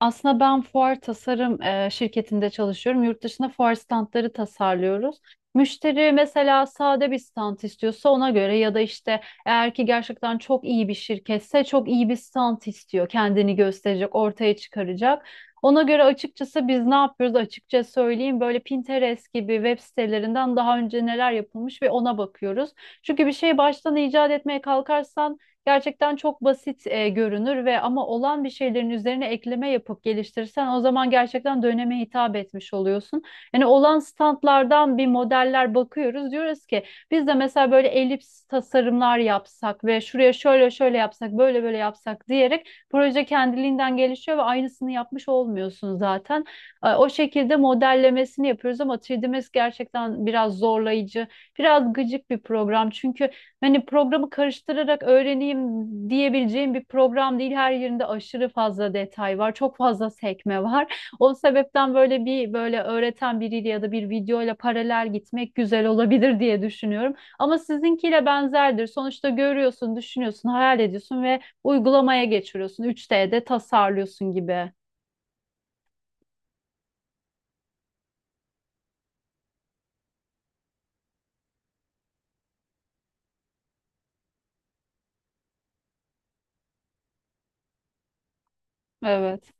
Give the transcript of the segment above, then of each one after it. Aslında ben fuar tasarım şirketinde çalışıyorum. Yurt dışında fuar standları tasarlıyoruz. Müşteri mesela sade bir stand istiyorsa ona göre ya da işte eğer ki gerçekten çok iyi bir şirketse çok iyi bir stand istiyor. Kendini gösterecek, ortaya çıkaracak. Ona göre açıkçası biz ne yapıyoruz açıkça söyleyeyim böyle Pinterest gibi web sitelerinden daha önce neler yapılmış ve ona bakıyoruz. Çünkü bir şey baştan icat etmeye kalkarsan gerçekten çok basit görünür ve ama olan bir şeylerin üzerine ekleme yapıp geliştirirsen o zaman gerçekten döneme hitap etmiş oluyorsun. Yani olan standlardan bir modeller bakıyoruz. Diyoruz ki biz de mesela böyle elips tasarımlar yapsak ve şuraya şöyle şöyle yapsak, böyle böyle yapsak diyerek proje kendiliğinden gelişiyor ve aynısını yapmış olmuyorsun zaten. O şekilde modellemesini yapıyoruz ama 3D Max gerçekten biraz zorlayıcı, biraz gıcık bir program. Çünkü hani programı karıştırarak öğreneyim diyebileceğim bir program değil. Her yerinde aşırı fazla detay var. Çok fazla sekme var. O sebepten böyle bir böyle öğreten biriyle ya da bir videoyla paralel gitmek güzel olabilir diye düşünüyorum. Ama sizinkiyle benzerdir. Sonuçta görüyorsun, düşünüyorsun, hayal ediyorsun ve uygulamaya geçiriyorsun. 3D'de tasarlıyorsun gibi. Evet.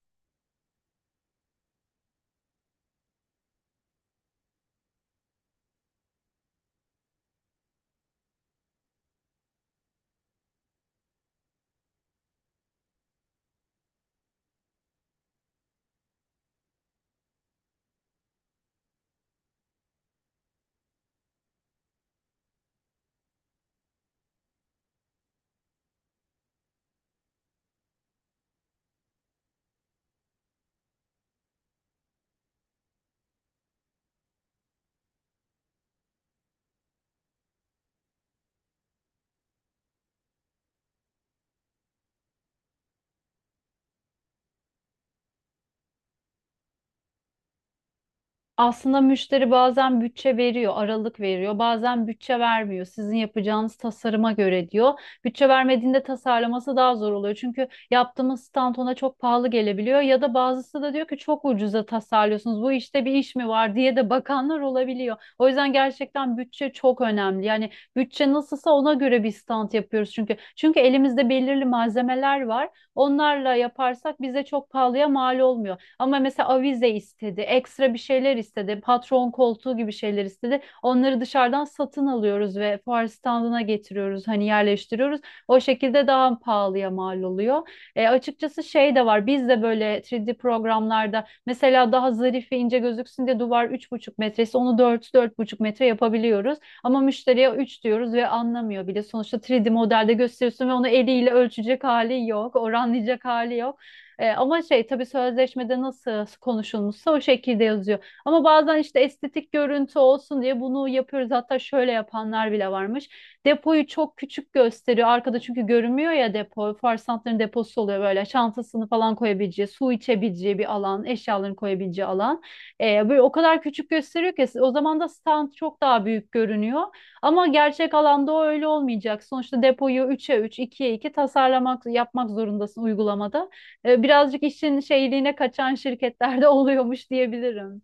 Aslında müşteri bazen bütçe veriyor, aralık veriyor, bazen bütçe vermiyor. Sizin yapacağınız tasarıma göre diyor. Bütçe vermediğinde tasarlaması daha zor oluyor. Çünkü yaptığımız stand ona çok pahalı gelebiliyor ya da bazısı da diyor ki çok ucuza tasarlıyorsunuz. Bu işte bir iş mi var diye de bakanlar olabiliyor. O yüzden gerçekten bütçe çok önemli. Yani bütçe nasılsa ona göre bir stand yapıyoruz çünkü. Çünkü elimizde belirli malzemeler var. Onlarla yaparsak bize çok pahalıya mal olmuyor. Ama mesela avize istedi, ekstra bir şeyler istedi, patron koltuğu gibi şeyler istedi. Onları dışarıdan satın alıyoruz ve fuar standına getiriyoruz, hani yerleştiriyoruz. O şekilde daha pahalıya mal oluyor. Açıkçası şey de var, biz de böyle 3D programlarda mesela daha zarif ve ince gözüksün diye duvar 3,5 metresi onu dört buçuk metre yapabiliyoruz. Ama müşteriye 3 diyoruz ve anlamıyor bile. Sonuçta 3D modelde gösteriyorsun ve onu eliyle ölçecek hali yok, oranlayacak hali yok. Ama şey tabii sözleşmede nasıl konuşulmuşsa o şekilde yazıyor. Ama bazen işte estetik görüntü olsun diye bunu yapıyoruz. Hatta şöyle yapanlar bile varmış. Depoyu çok küçük gösteriyor. Arkada çünkü görünmüyor ya depo. Farsantların deposu oluyor böyle. Çantasını falan koyabileceği, su içebileceği bir alan, eşyalarını koyabileceği alan. Böyle o kadar küçük gösteriyor ki o zaman da stand çok daha büyük görünüyor. Ama gerçek alanda o öyle olmayacak. Sonuçta depoyu 3'e 3, 2'ye 2 tasarlamak, yapmak zorundasın uygulamada birazcık işin şeyliğine kaçan şirketlerde oluyormuş diyebilirim.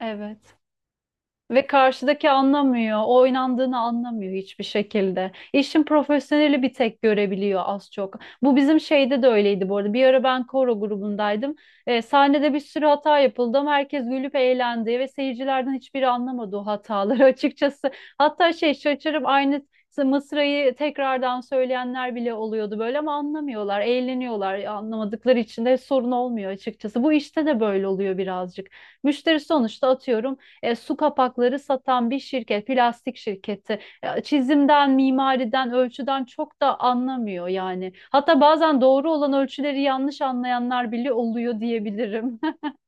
Evet. Ve karşıdaki anlamıyor, oynandığını anlamıyor hiçbir şekilde. İşin profesyoneli bir tek görebiliyor az çok. Bu bizim şeyde de öyleydi bu arada. Bir ara ben koro grubundaydım. Sahnede bir sürü hata yapıldı ama herkes gülüp eğlendi ve seyircilerden hiçbiri anlamadı o hataları açıkçası. Hatta şey şaşırıp aynı mısrayı tekrardan söyleyenler bile oluyordu böyle ama anlamıyorlar, eğleniyorlar. Anlamadıkları için de sorun olmuyor açıkçası. Bu işte de böyle oluyor birazcık. Müşteri sonuçta atıyorum su kapakları satan bir şirket, plastik şirketi. Çizimden, mimariden, ölçüden çok da anlamıyor yani. Hatta bazen doğru olan ölçüleri yanlış anlayanlar bile oluyor diyebilirim.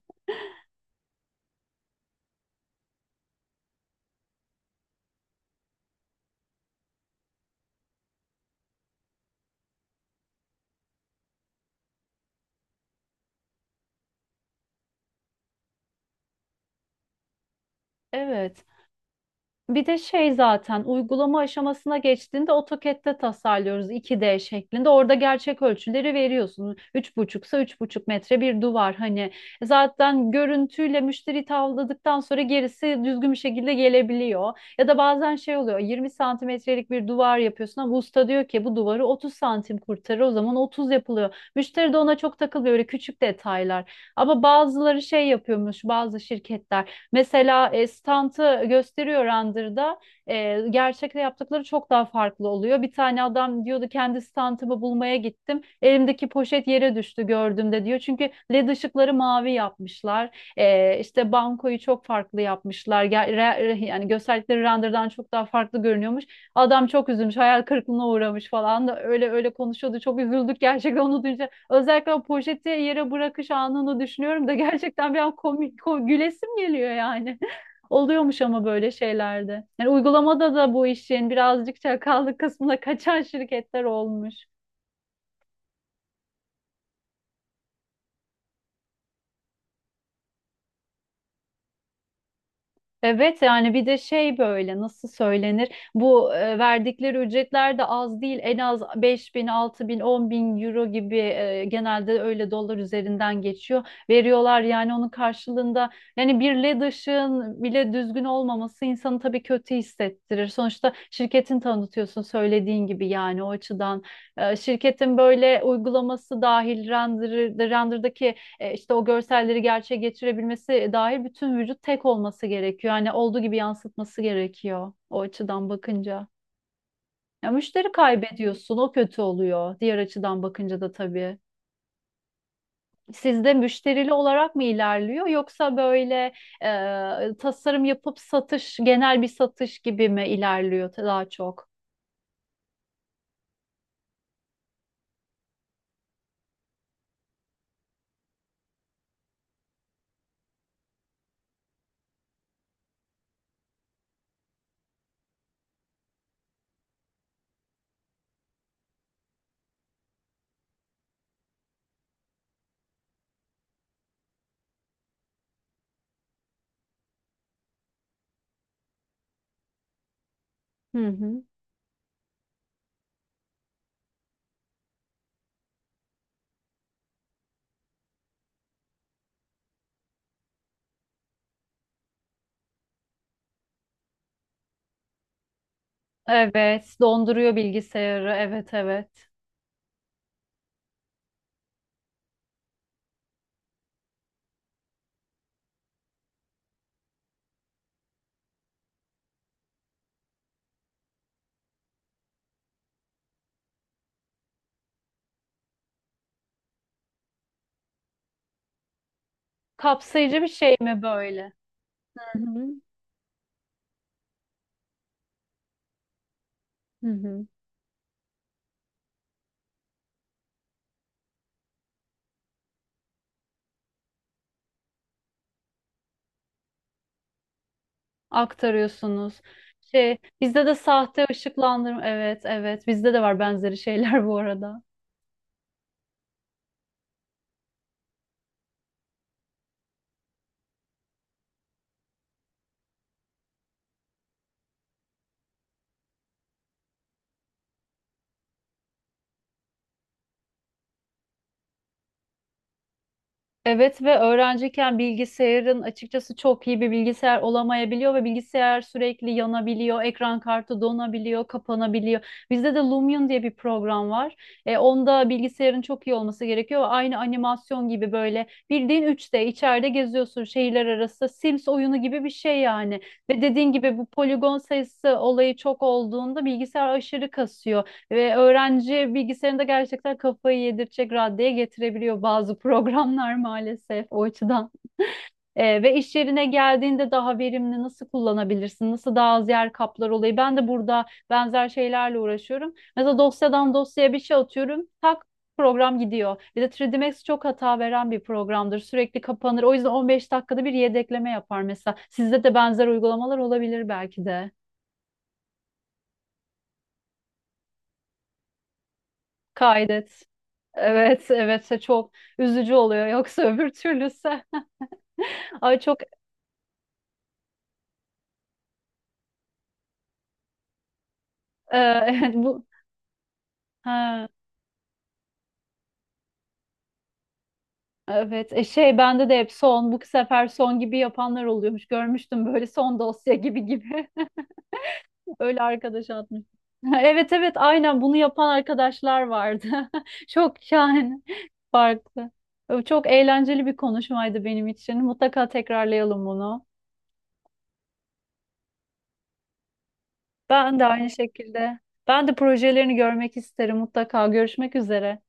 Evet. Bir de şey zaten uygulama aşamasına geçtiğinde AutoCAD'de tasarlıyoruz 2D şeklinde. Orada gerçek ölçüleri veriyorsun. Üç buçuksa 3,5 metre bir duvar hani. Zaten görüntüyle müşteri tavladıktan sonra gerisi düzgün bir şekilde gelebiliyor. Ya da bazen şey oluyor 20 santimetrelik bir duvar yapıyorsun ama usta diyor ki bu duvarı 30 santim kurtarır o zaman 30 yapılıyor. Müşteri de ona çok takılıyor böyle küçük detaylar. Ama bazıları şey yapıyormuş bazı şirketler. Mesela stantı gösteriyor Randır'da. Gerçekte yaptıkları çok daha farklı oluyor. Bir tane adam diyordu kendi stantımı bulmaya gittim. Elimdeki poşet yere düştü gördüğümde diyor. Çünkü led ışıkları mavi yapmışlar. E, işte bankoyu çok farklı yapmışlar. Yani gösterdikleri renderdan çok daha farklı görünüyormuş. Adam çok üzülmüş, hayal kırıklığına uğramış falan da öyle öyle konuşuyordu. Çok üzüldük gerçekten onu duyunca. Özellikle o poşeti yere bırakış anını düşünüyorum da gerçekten bir an komik, gülesim geliyor yani. Oluyormuş ama böyle şeylerde. Yani uygulamada da bu işin birazcık çakallık kısmına kaçan şirketler olmuş. Evet yani bir de şey böyle nasıl söylenir bu verdikleri ücretler de az değil, en az 5.000 6.000 10.000 euro gibi genelde öyle dolar üzerinden geçiyor, veriyorlar yani onun karşılığında. Yani bir led ışığın bile düzgün olmaması insanı tabii kötü hissettirir sonuçta, şirketin tanıtıyorsun söylediğin gibi, yani o açıdan. Şirketin böyle uygulaması dahil render'daki işte o görselleri gerçeğe getirebilmesi dahil bütün vücut tek olması gerekiyor. Yani olduğu gibi yansıtması gerekiyor o açıdan bakınca. Ya müşteri kaybediyorsun, o kötü oluyor. Diğer açıdan bakınca da tabii. Sizde müşterili olarak mı ilerliyor yoksa böyle tasarım yapıp satış, genel bir satış gibi mi ilerliyor daha çok? Hı hı. Evet, donduruyor bilgisayarı. Evet, evet. Kapsayıcı bir şey mi böyle? Hı hı. Hı hı. Aktarıyorsunuz. Şey, bizde de sahte ışıklandırma. Evet, evet. Bizde de var benzeri şeyler bu arada. Evet ve öğrenciyken bilgisayarın açıkçası çok iyi bir bilgisayar olamayabiliyor ve bilgisayar sürekli yanabiliyor, ekran kartı donabiliyor, kapanabiliyor. Bizde de Lumion diye bir program var. Onda bilgisayarın çok iyi olması gerekiyor. Aynı animasyon gibi böyle bildiğin 3D içeride geziyorsun, şehirler arası Sims oyunu gibi bir şey yani. Ve dediğin gibi bu poligon sayısı olayı çok olduğunda bilgisayar aşırı kasıyor. Ve öğrenci bilgisayarında gerçekten kafayı yedirecek raddeye getirebiliyor bazı programlar maalesef o açıdan. Ve iş yerine geldiğinde daha verimli nasıl kullanabilirsin? Nasıl daha az yer kaplar olayı? Ben de burada benzer şeylerle uğraşıyorum. Mesela dosyadan dosyaya bir şey atıyorum. Tak program gidiyor. Bir de 3D Max çok hata veren bir programdır. Sürekli kapanır. O yüzden 15 dakikada bir yedekleme yapar mesela. Sizde de benzer uygulamalar olabilir belki de. Kaydet. Evet, evet çok üzücü oluyor. Yoksa öbür türlüsü. Ay çok e, bu ha, evet. Şey bende de hep "son, bu sefer son" gibi yapanlar oluyormuş. Görmüştüm böyle son dosya gibi gibi. Öyle arkadaş atmış. Evet, evet aynen, bunu yapan arkadaşlar vardı. Çok şahane. Farklı. Çok eğlenceli bir konuşmaydı benim için. Mutlaka tekrarlayalım bunu. Ben de aynı şekilde. Ben de projelerini görmek isterim mutlaka. Görüşmek üzere.